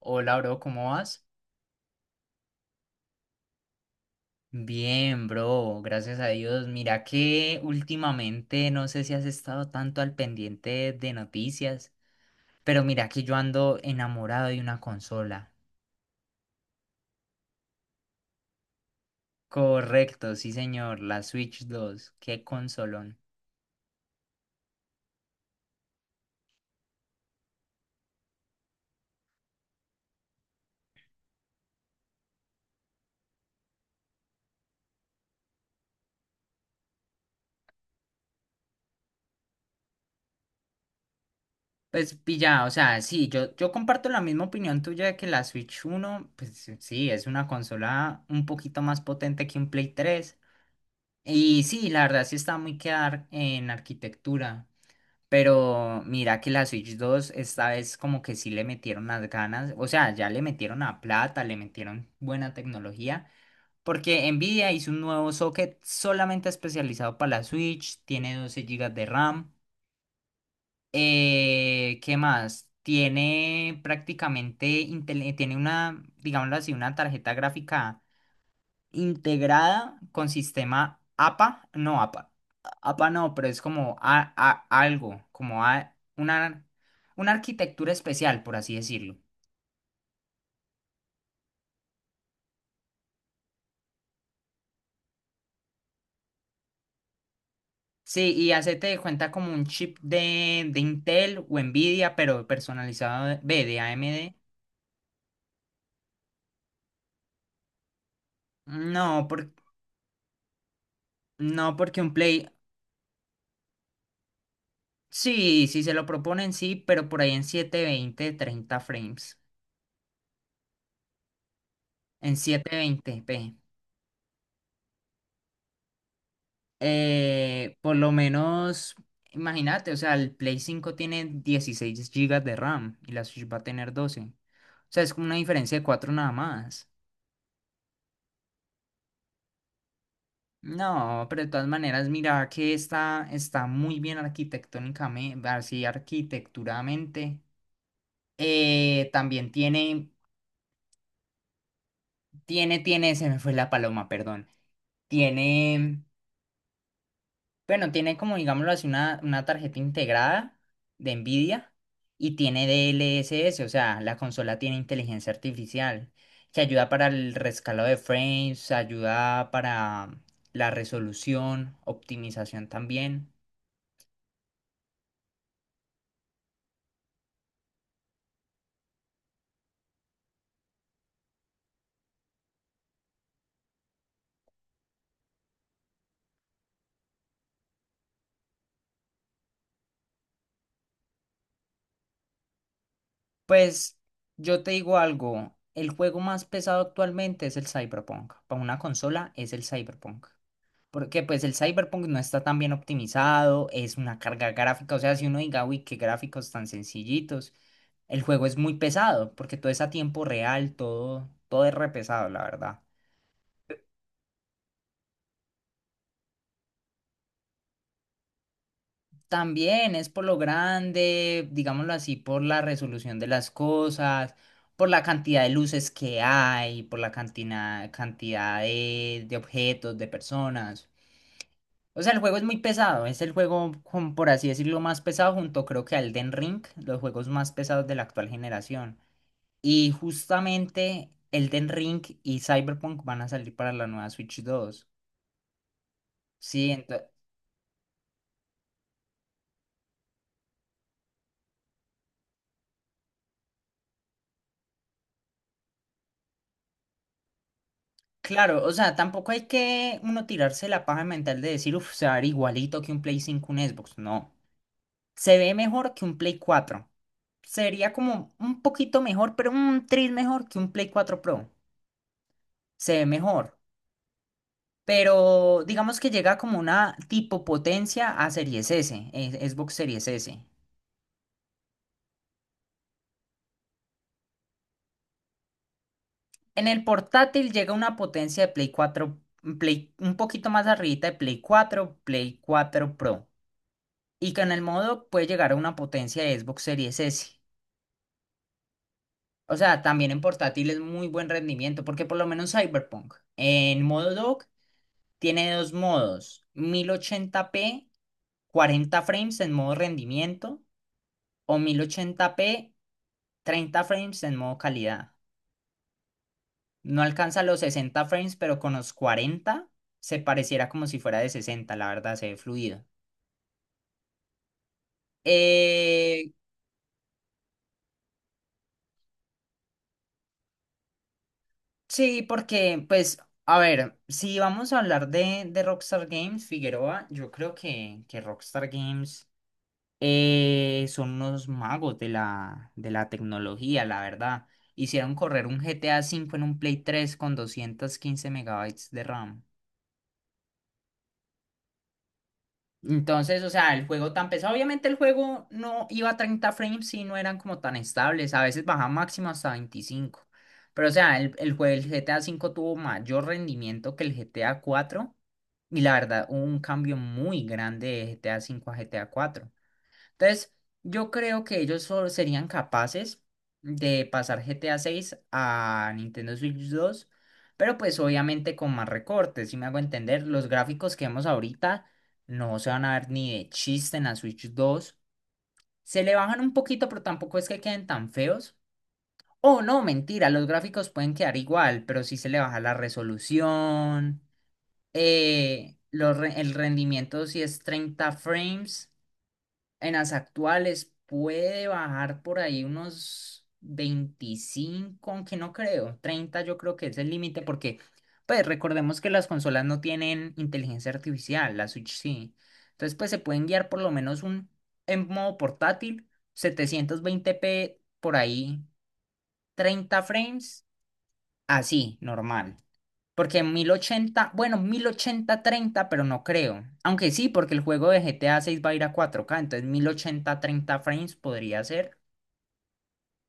Hola, bro, ¿cómo vas? Bien, bro, gracias a Dios. Mira que últimamente no sé si has estado tanto al pendiente de noticias, pero mira que yo ando enamorado de una consola. Correcto, sí, señor, la Switch 2, qué consolón. Pues pilla, o sea, sí, yo comparto la misma opinión tuya de que la Switch uno, pues sí, es una consola un poquito más potente que un Play 3. Y sí, la verdad sí está muy quedar en arquitectura. Pero mira que la Switch 2 esta vez como que sí le metieron las ganas, o sea, ya le metieron a plata, le metieron buena tecnología, porque Nvidia hizo un nuevo socket solamente especializado para la Switch, tiene 12 gigas de RAM. ¿Qué más? Tiene prácticamente, tiene una, digámoslo así, una tarjeta gráfica integrada con sistema APA, no APA, APA no, pero es como algo, como una arquitectura especial, por así decirlo. Sí, y hacete de cuenta como un chip de Intel o Nvidia, pero personalizado de, ve, de AMD. No, no, porque un Play, sí, sí se lo proponen, sí, pero por ahí en setecientos veinte treinta frames, en 720p. Por lo menos, imagínate, o sea, el Play 5 tiene 16 gigas de RAM y la Switch va a tener doce. O sea, es como una diferencia de cuatro nada más. No, pero de todas maneras, mira que está muy bien arquitectónicamente, así arquitecturamente. También tiene, se me fue la paloma, perdón. Tiene. Bueno, tiene como, digámoslo así, una tarjeta integrada de NVIDIA y tiene DLSS, o sea, la consola tiene inteligencia artificial que ayuda para el rescalado de frames, ayuda para la resolución, optimización también. Pues yo te digo algo, el juego más pesado actualmente es el Cyberpunk. Para una consola es el Cyberpunk. Porque pues el Cyberpunk no está tan bien optimizado, es una carga gráfica, o sea, si uno diga, uy, qué gráficos tan sencillitos, el juego es muy pesado, porque todo es a tiempo real, todo es re pesado, la verdad. También es por lo grande, digámoslo así, por la resolución de las cosas, por la cantidad de luces que hay, por la cantidad de objetos, de personas. O sea, el juego es muy pesado, es el juego, por así decirlo, más pesado junto creo que a Elden Ring, los juegos más pesados de la actual generación. Y justamente Elden Ring y Cyberpunk van a salir para la nueva Switch 2. Sí, entonces, claro, o sea, tampoco hay que uno tirarse la paja mental de decir, uff, se va a ver igualito que un Play 5, un Xbox. No, se ve mejor que un Play 4. Sería como un poquito mejor, pero un tris mejor que un Play 4 Pro. Se ve mejor. Pero digamos que llega como una tipo potencia a Series S, Xbox Series S. En el portátil llega una potencia de Play 4, un poquito más arribita de Play 4, Play 4 Pro. Y que en el modo puede llegar a una potencia de Xbox Series S. O sea, también en portátil es muy buen rendimiento, porque por lo menos Cyberpunk en modo dock tiene dos modos: 1080p, 40 frames en modo rendimiento, o 1080p, treinta frames en modo calidad. No alcanza los 60 frames, pero con los 40 se pareciera como si fuera de 60, la verdad, se ve fluido. Eh, sí, porque, pues, a ver, si vamos a hablar de Rockstar Games, Figueroa, yo creo que Rockstar Games son unos magos de la tecnología, la verdad. Hicieron correr un GTA 5 en un Play 3 con 215 megabytes de RAM. Entonces, o sea, el juego tan pesado, obviamente el juego no iba a 30 frames y no eran como tan estables, a veces bajaba máximo hasta 25. Pero, o sea, el juego del GTA 5 tuvo mayor rendimiento que el GTA 4 y la verdad, hubo un cambio muy grande de GTA 5 a GTA 4. Entonces, yo creo que ellos solo serían capaces de pasar GTA 6 a seis a Nintendo Switch 2, pero pues obviamente con más recortes, si me hago entender, los gráficos que vemos ahorita no se van a ver ni de chiste en la Switch 2. Se le bajan un poquito, pero tampoco es que queden tan feos. Oh, no, mentira, los gráficos pueden quedar igual, pero sí se le baja la resolución, el rendimiento si es 30 frames. En las actuales puede bajar por ahí unos 25, aunque no creo. Treinta, yo creo que es el límite porque, pues recordemos que las consolas no tienen inteligencia artificial, la Switch sí. Entonces, pues se pueden guiar por lo menos en modo portátil, setecientos veinte p por ahí, treinta frames, así, normal. Porque en 1080 bueno, mil ochenta treinta pero no creo. Aunque sí, porque el juego de GTA 6 va a ir a 4K, entonces mil ochenta treinta frames podría ser.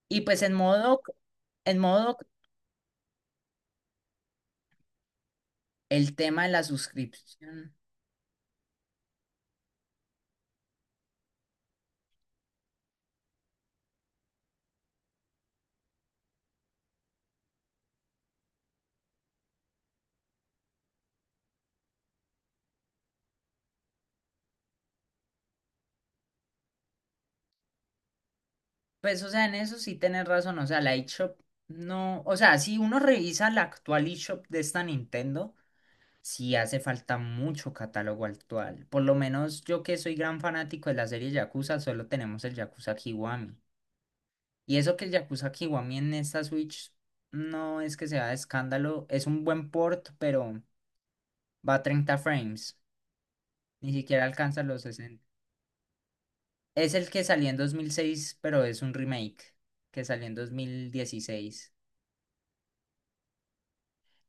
Y pues en modo, en modo, el tema de la suscripción. Pues, o sea, en eso sí tenés razón. O sea, la eShop no. O sea, si uno revisa la actual eShop de esta Nintendo, sí hace falta mucho catálogo actual. Por lo menos yo que soy gran fanático de la serie Yakuza, solo tenemos el Yakuza Kiwami. Y eso que el Yakuza Kiwami en esta Switch no es que sea de escándalo, es un buen port, pero va a 30 frames, ni siquiera alcanza los sesenta. Es el que salió en 2006 pero es un remake que salió en 2016.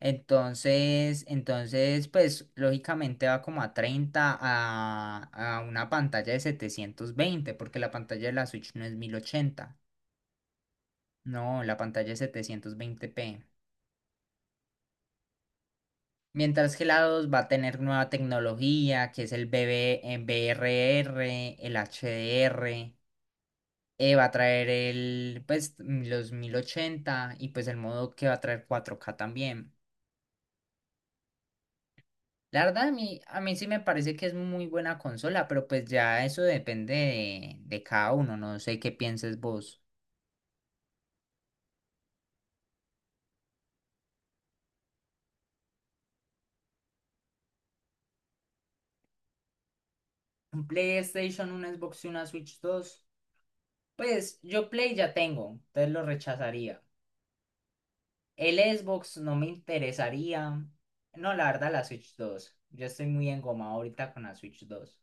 Entonces, pues lógicamente va como a 30 a una pantalla de 720 porque la pantalla de la Switch no es mil ochenta. No, la pantalla es 720p. Mientras que la 2 va a tener nueva tecnología, que es el BB, BRR, el HDR, va a traer el, pues, los 1080 y pues el modo que va a traer 4K también. La verdad, a mí sí me parece que es muy buena consola, pero pues ya eso depende de cada uno, no sé qué pienses vos. Un PlayStation, un Xbox y una Switch dos. Pues yo Play ya tengo, entonces lo rechazaría. El Xbox no me interesaría. No, la verdad, la Switch 2. Yo estoy muy engomado ahorita con la Switch 2.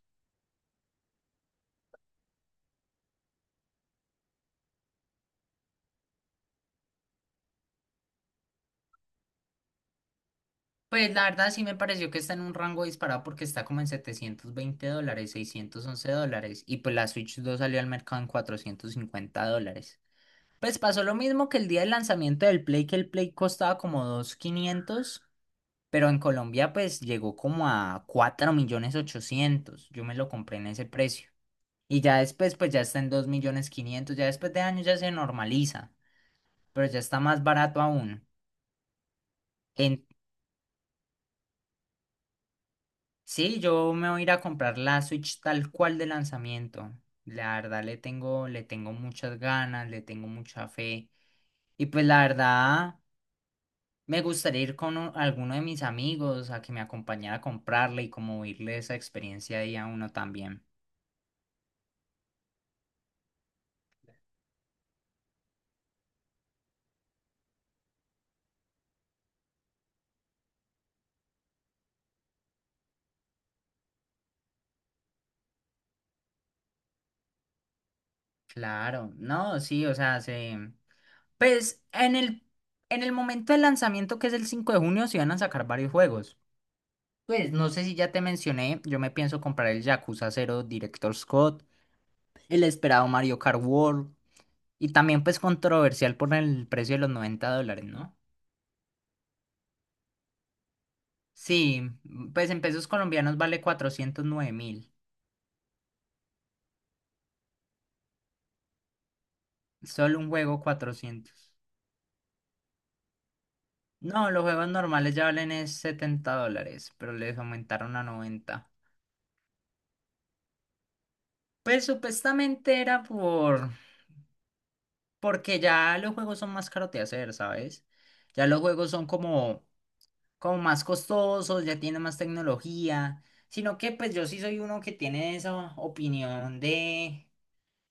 Pues la verdad sí me pareció que está en un rango disparado porque está como en $720, $611. Y pues la Switch 2 salió al mercado en $450. Pues pasó lo mismo que el día del lanzamiento del Play, que el Play costaba como 2500, pero en Colombia pues llegó como a 4.800.000. Yo me lo compré en ese precio. Y ya después, pues ya está en 2.500.000, ya después de años ya se normaliza, pero ya está más barato aún. En, sí, yo me voy a ir a comprar la Switch tal cual de lanzamiento. La verdad le tengo muchas ganas, le tengo mucha fe. Y pues la verdad, me gustaría ir con alguno de mis amigos a que me acompañara a comprarla y como irle esa experiencia ahí a uno también. Claro, no, sí, o sea, se pues en el, momento del lanzamiento, que es el 5 de junio, se van a sacar varios juegos. Pues no sé si ya te mencioné, yo me pienso comprar el Yakuza 0 Director Scott, el esperado Mario Kart World, y también pues controversial por el precio de los $90, ¿no? Sí, pues en pesos colombianos vale 409.000, solo un juego 400. No, los juegos normales ya valen es $70, pero les aumentaron a 90. Pues supuestamente era porque ya los juegos son más caros de hacer, ¿sabes? Ya los juegos son como más costosos, ya tienen más tecnología. Sino que pues yo sí soy uno que tiene esa opinión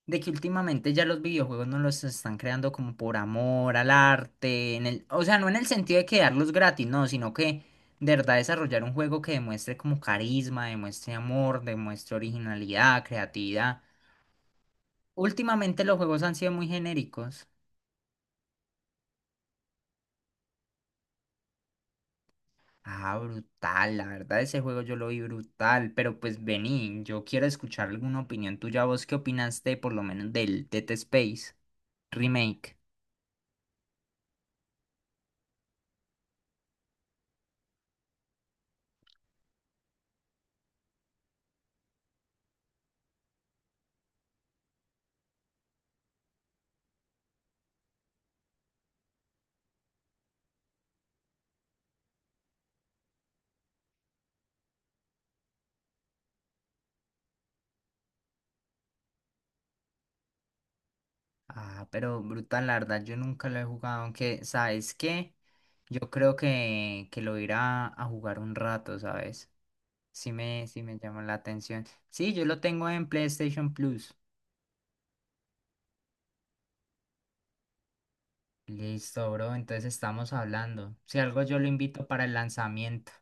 de que últimamente ya los videojuegos no los están creando como por amor al arte. O sea, no en el sentido de quedarlos gratis, no, sino que de verdad desarrollar un juego que demuestre como carisma, demuestre amor, demuestre originalidad, creatividad. Últimamente los juegos han sido muy genéricos. Ah, brutal, la verdad ese juego yo lo vi brutal, pero pues vení, yo quiero escuchar alguna opinión tuya, vos qué opinaste por lo menos del Dead Space Remake. Ah, pero brutal, la verdad yo nunca lo he jugado, aunque, ¿sabes qué? Yo creo que lo iré a jugar un rato, ¿sabes? Sí me llama la atención. Sí, yo lo tengo en PlayStation Plus. Listo, bro, entonces estamos hablando. Si algo yo lo invito para el lanzamiento.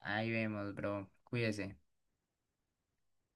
Ahí vemos, bro, cuídese.